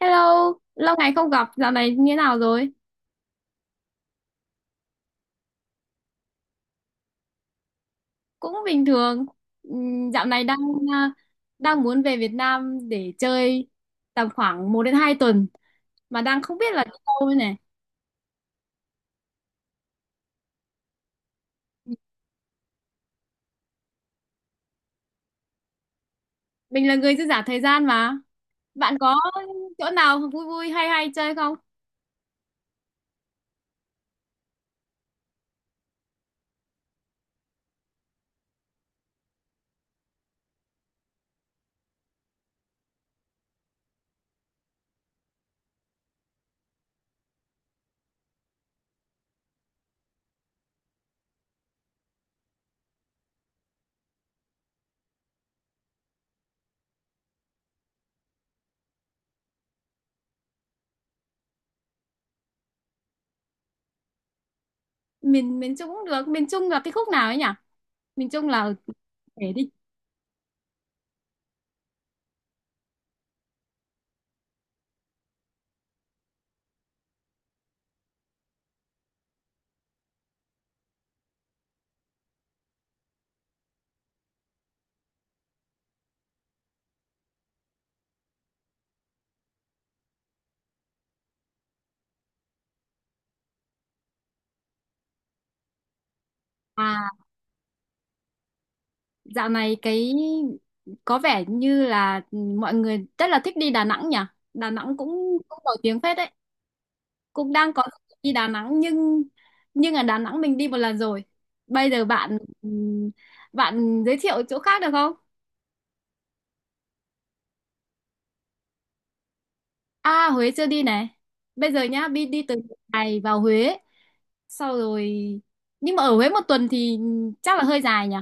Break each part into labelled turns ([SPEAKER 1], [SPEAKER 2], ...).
[SPEAKER 1] Hello, lâu ngày không gặp, dạo này như thế nào rồi? Cũng bình thường. Dạo này đang à, đang muốn về Việt Nam để chơi tầm khoảng 1 đến 2 tuần mà đang không biết là đi đâu đây này. Mình là người dư giả thời gian mà. Bạn có chỗ nào vui vui hay hay chơi không? Miền miền Trung cũng được, miền Trung là cái khúc nào ấy nhỉ? Miền Trung là để đi. À, dạo này cái có vẻ như là mọi người rất là thích đi Đà Nẵng nhỉ? Đà Nổi cũng cũng Nổi tiếng phết đấy. Cũng đang có dự định đi Đà Nẵng nhưng ở Đà Nẵng mình đi 1 lần rồi. Bây giờ bạn bạn giới thiệu chỗ khác được không? À, Huế chưa đi này. Bây giờ nhá, đi đi từ này vào Huế sau rồi, nhưng mà ở Huế một tuần thì chắc là hơi dài nhỉ.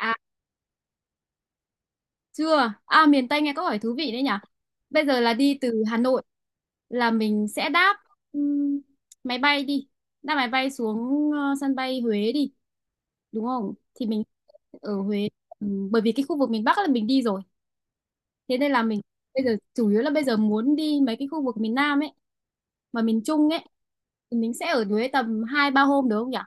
[SPEAKER 1] À, chưa. À, miền Tây nghe có hỏi thú vị đấy nhỉ. Bây giờ là đi từ Hà Nội là mình sẽ đáp ừm, máy bay đi. Đáp máy bay xuống sân bay Huế đi, đúng không? Thì mình ở Huế, bởi vì cái khu vực miền Bắc là mình đi rồi. Thế nên là mình bây giờ chủ yếu là bây giờ muốn đi mấy cái khu vực miền Nam ấy và miền Trung ấy, thì mình sẽ ở Huế tầm 2 3 hôm được không nhỉ?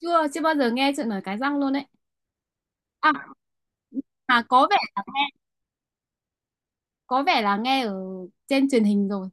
[SPEAKER 1] Chưa chưa bao giờ nghe chuyện ở Cái Răng luôn đấy. À, mà có vẻ, có vẻ là nghe ở trên truyền hình rồi.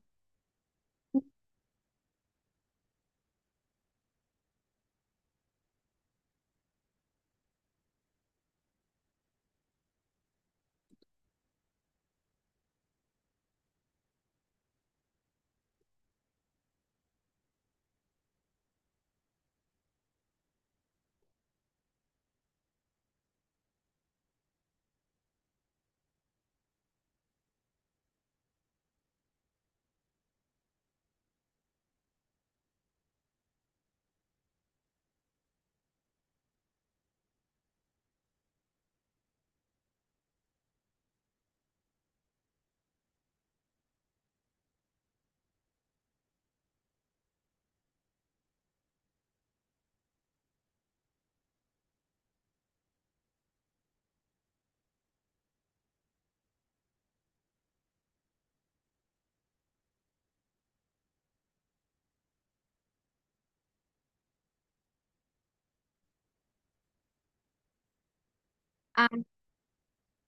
[SPEAKER 1] À,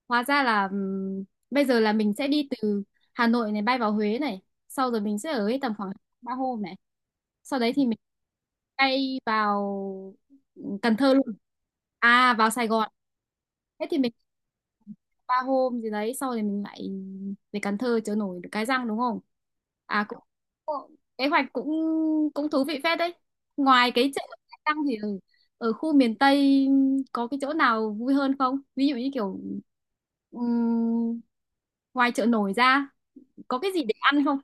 [SPEAKER 1] hóa ra là bây giờ là mình sẽ đi từ Hà Nội này, bay vào Huế này, sau rồi mình sẽ ở ấy tầm khoảng 3 hôm này, sau đấy thì mình bay vào Cần Thơ luôn. À, vào Sài Gòn. Thế thì mình 3 hôm gì đấy sau thì mình lại về Cần Thơ chợ nổi được cái răng đúng không? À, cũng cũng- kế hoạch cũng cũng thú vị phết đấy. Ngoài cái chợ cái răng thì ở, ở khu miền Tây có cái chỗ nào vui hơn không, ví dụ như kiểu ừm, ngoài chợ nổi ra có cái gì để ăn không?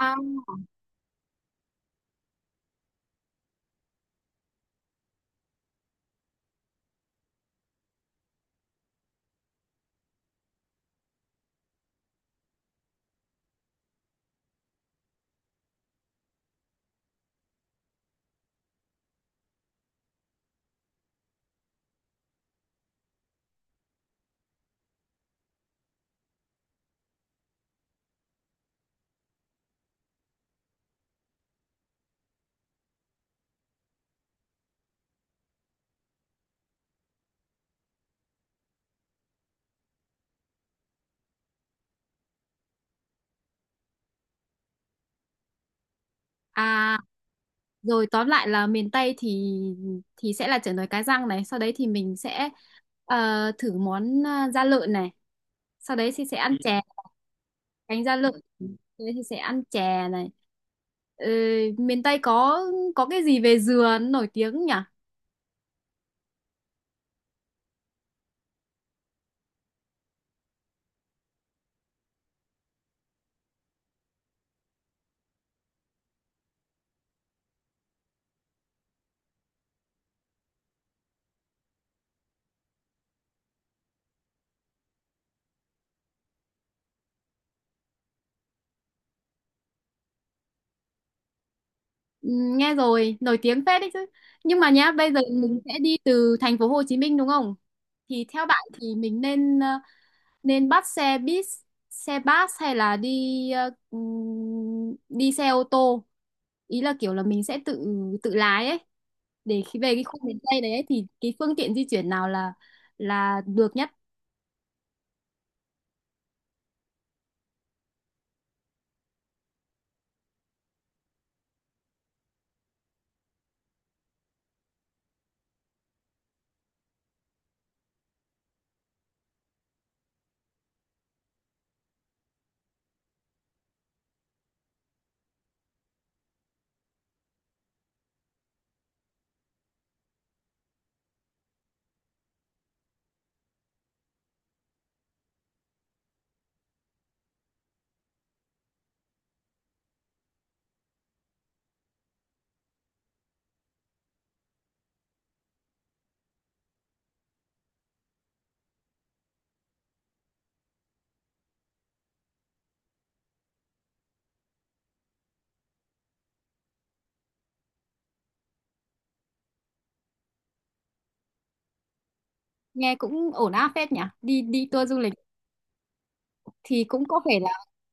[SPEAKER 1] À. À, rồi tóm lại là miền Tây thì sẽ là chả nồi cá răng này, sau đấy thì mình sẽ thử món da lợn này, sau đấy thì sẽ ăn Ừ. chè, cánh da lợn, sau đấy thì sẽ ăn chè này. Ờ, miền Tây có cái gì về dừa nổi tiếng nhỉ? Ừ, nghe rồi, nổi tiếng phết đấy chứ. Nhưng mà nhá, bây giờ mình sẽ đi từ thành phố Hồ Chí Minh đúng không? Thì theo bạn thì mình nên nên bắt xe buýt, xe bus hay là đi đi xe ô tô, ý là kiểu là mình sẽ tự tự lái ấy, để khi về cái khu miền Tây đấy ấy, thì cái phương tiện di chuyển nào là được nhất? Nghe cũng ổn áp phết nhỉ, đi đi tour du lịch thì cũng có thể là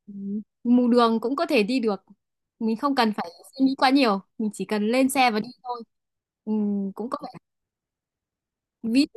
[SPEAKER 1] mù đường cũng có thể đi được, mình không cần phải suy nghĩ quá nhiều, mình chỉ cần lên xe và đi thôi. Cũng có vẻ ví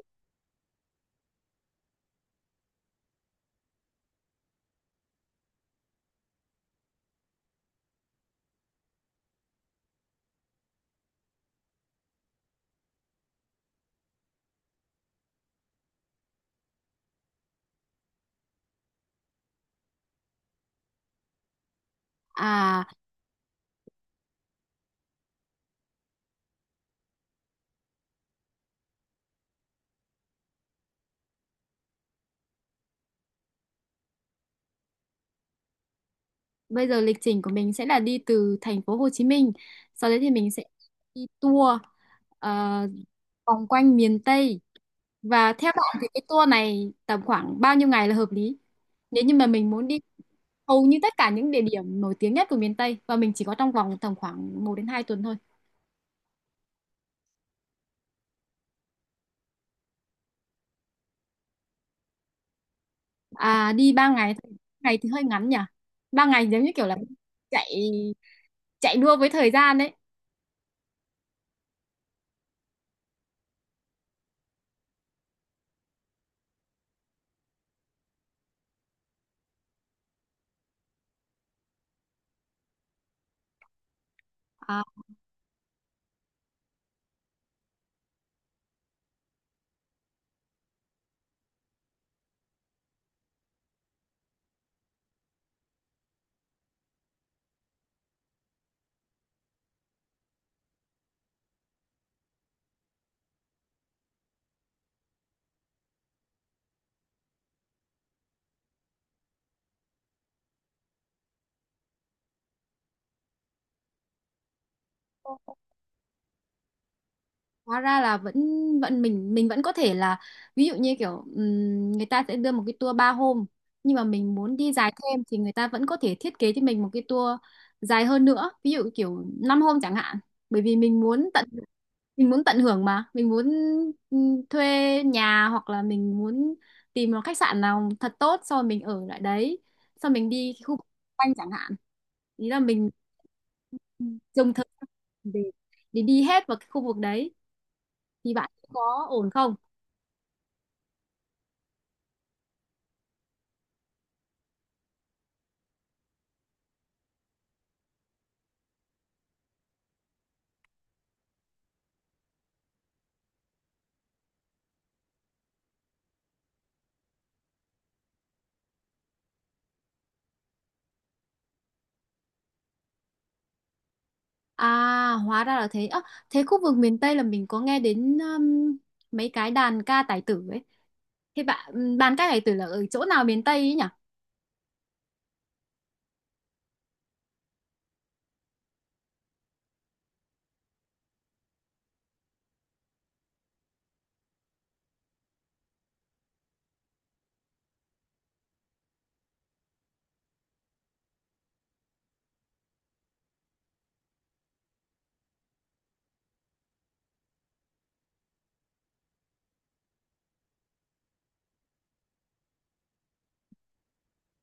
[SPEAKER 1] à. Bây giờ lịch trình của mình sẽ là đi từ thành phố Hồ Chí Minh, sau đấy thì mình sẽ đi tour ờ, vòng quanh miền Tây. Và theo bạn thì cái tour này tầm khoảng bao nhiêu ngày là hợp lý? Nếu như mà mình muốn đi hầu như tất cả những địa điểm nổi tiếng nhất của miền Tây và mình chỉ có trong vòng tầm khoảng một đến hai tuần thôi. À, đi 3 ngày thôi. Ngày thì hơi ngắn nhỉ. 3 ngày giống như kiểu là chạy chạy đua với thời gian đấy. À, hóa ra là vẫn vẫn mình vẫn có thể là, ví dụ như kiểu người ta sẽ đưa một cái tour 3 hôm, nhưng mà mình muốn đi dài thêm thì người ta vẫn có thể thiết kế cho mình một cái tour dài hơn nữa, ví dụ kiểu 5 hôm chẳng hạn, bởi vì mình muốn tận, mình muốn tận hưởng, mà mình muốn thuê nhà hoặc là mình muốn tìm một khách sạn nào thật tốt sau rồi mình ở lại đấy, sau mình đi cái khu vực quanh chẳng hạn, ý là mình dùng thời gian để để đi hết vào cái khu vực đấy, thì bạn có ổn không? À, hóa ra là thế. Ơ, thế khu vực miền Tây là mình có nghe đến mấy cái đàn ca tài tử ấy. Thế bạn đàn ca tài tử là ở chỗ nào miền Tây ấy nhỉ?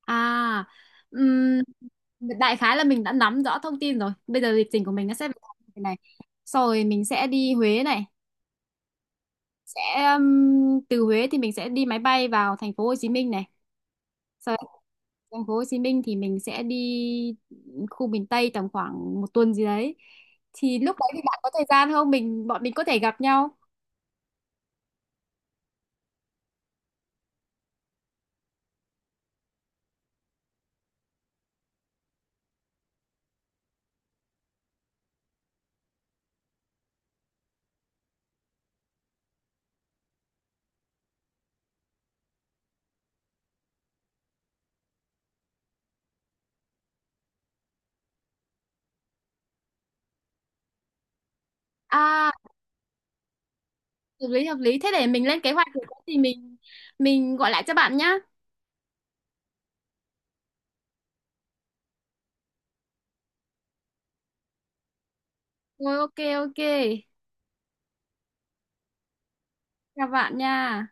[SPEAKER 1] À, ừm, đại khái là mình đã nắm rõ thông tin rồi. Bây giờ lịch trình của mình nó sẽ về thế này. Sau rồi mình sẽ đi Huế này. Sẽ um, từ Huế thì mình sẽ đi máy bay vào thành phố Hồ Chí Minh này. Sau thành phố Hồ Chí Minh thì mình sẽ đi khu miền Tây tầm khoảng 1 tuần gì đấy, thì lúc đấy thì bạn có thời gian không, mình bọn mình có thể gặp nhau. À, hợp lý hợp lý, thế để mình lên kế hoạch rồi có gì mình gọi lại cho bạn nhá. Rồi ok. Ok, chào bạn nha.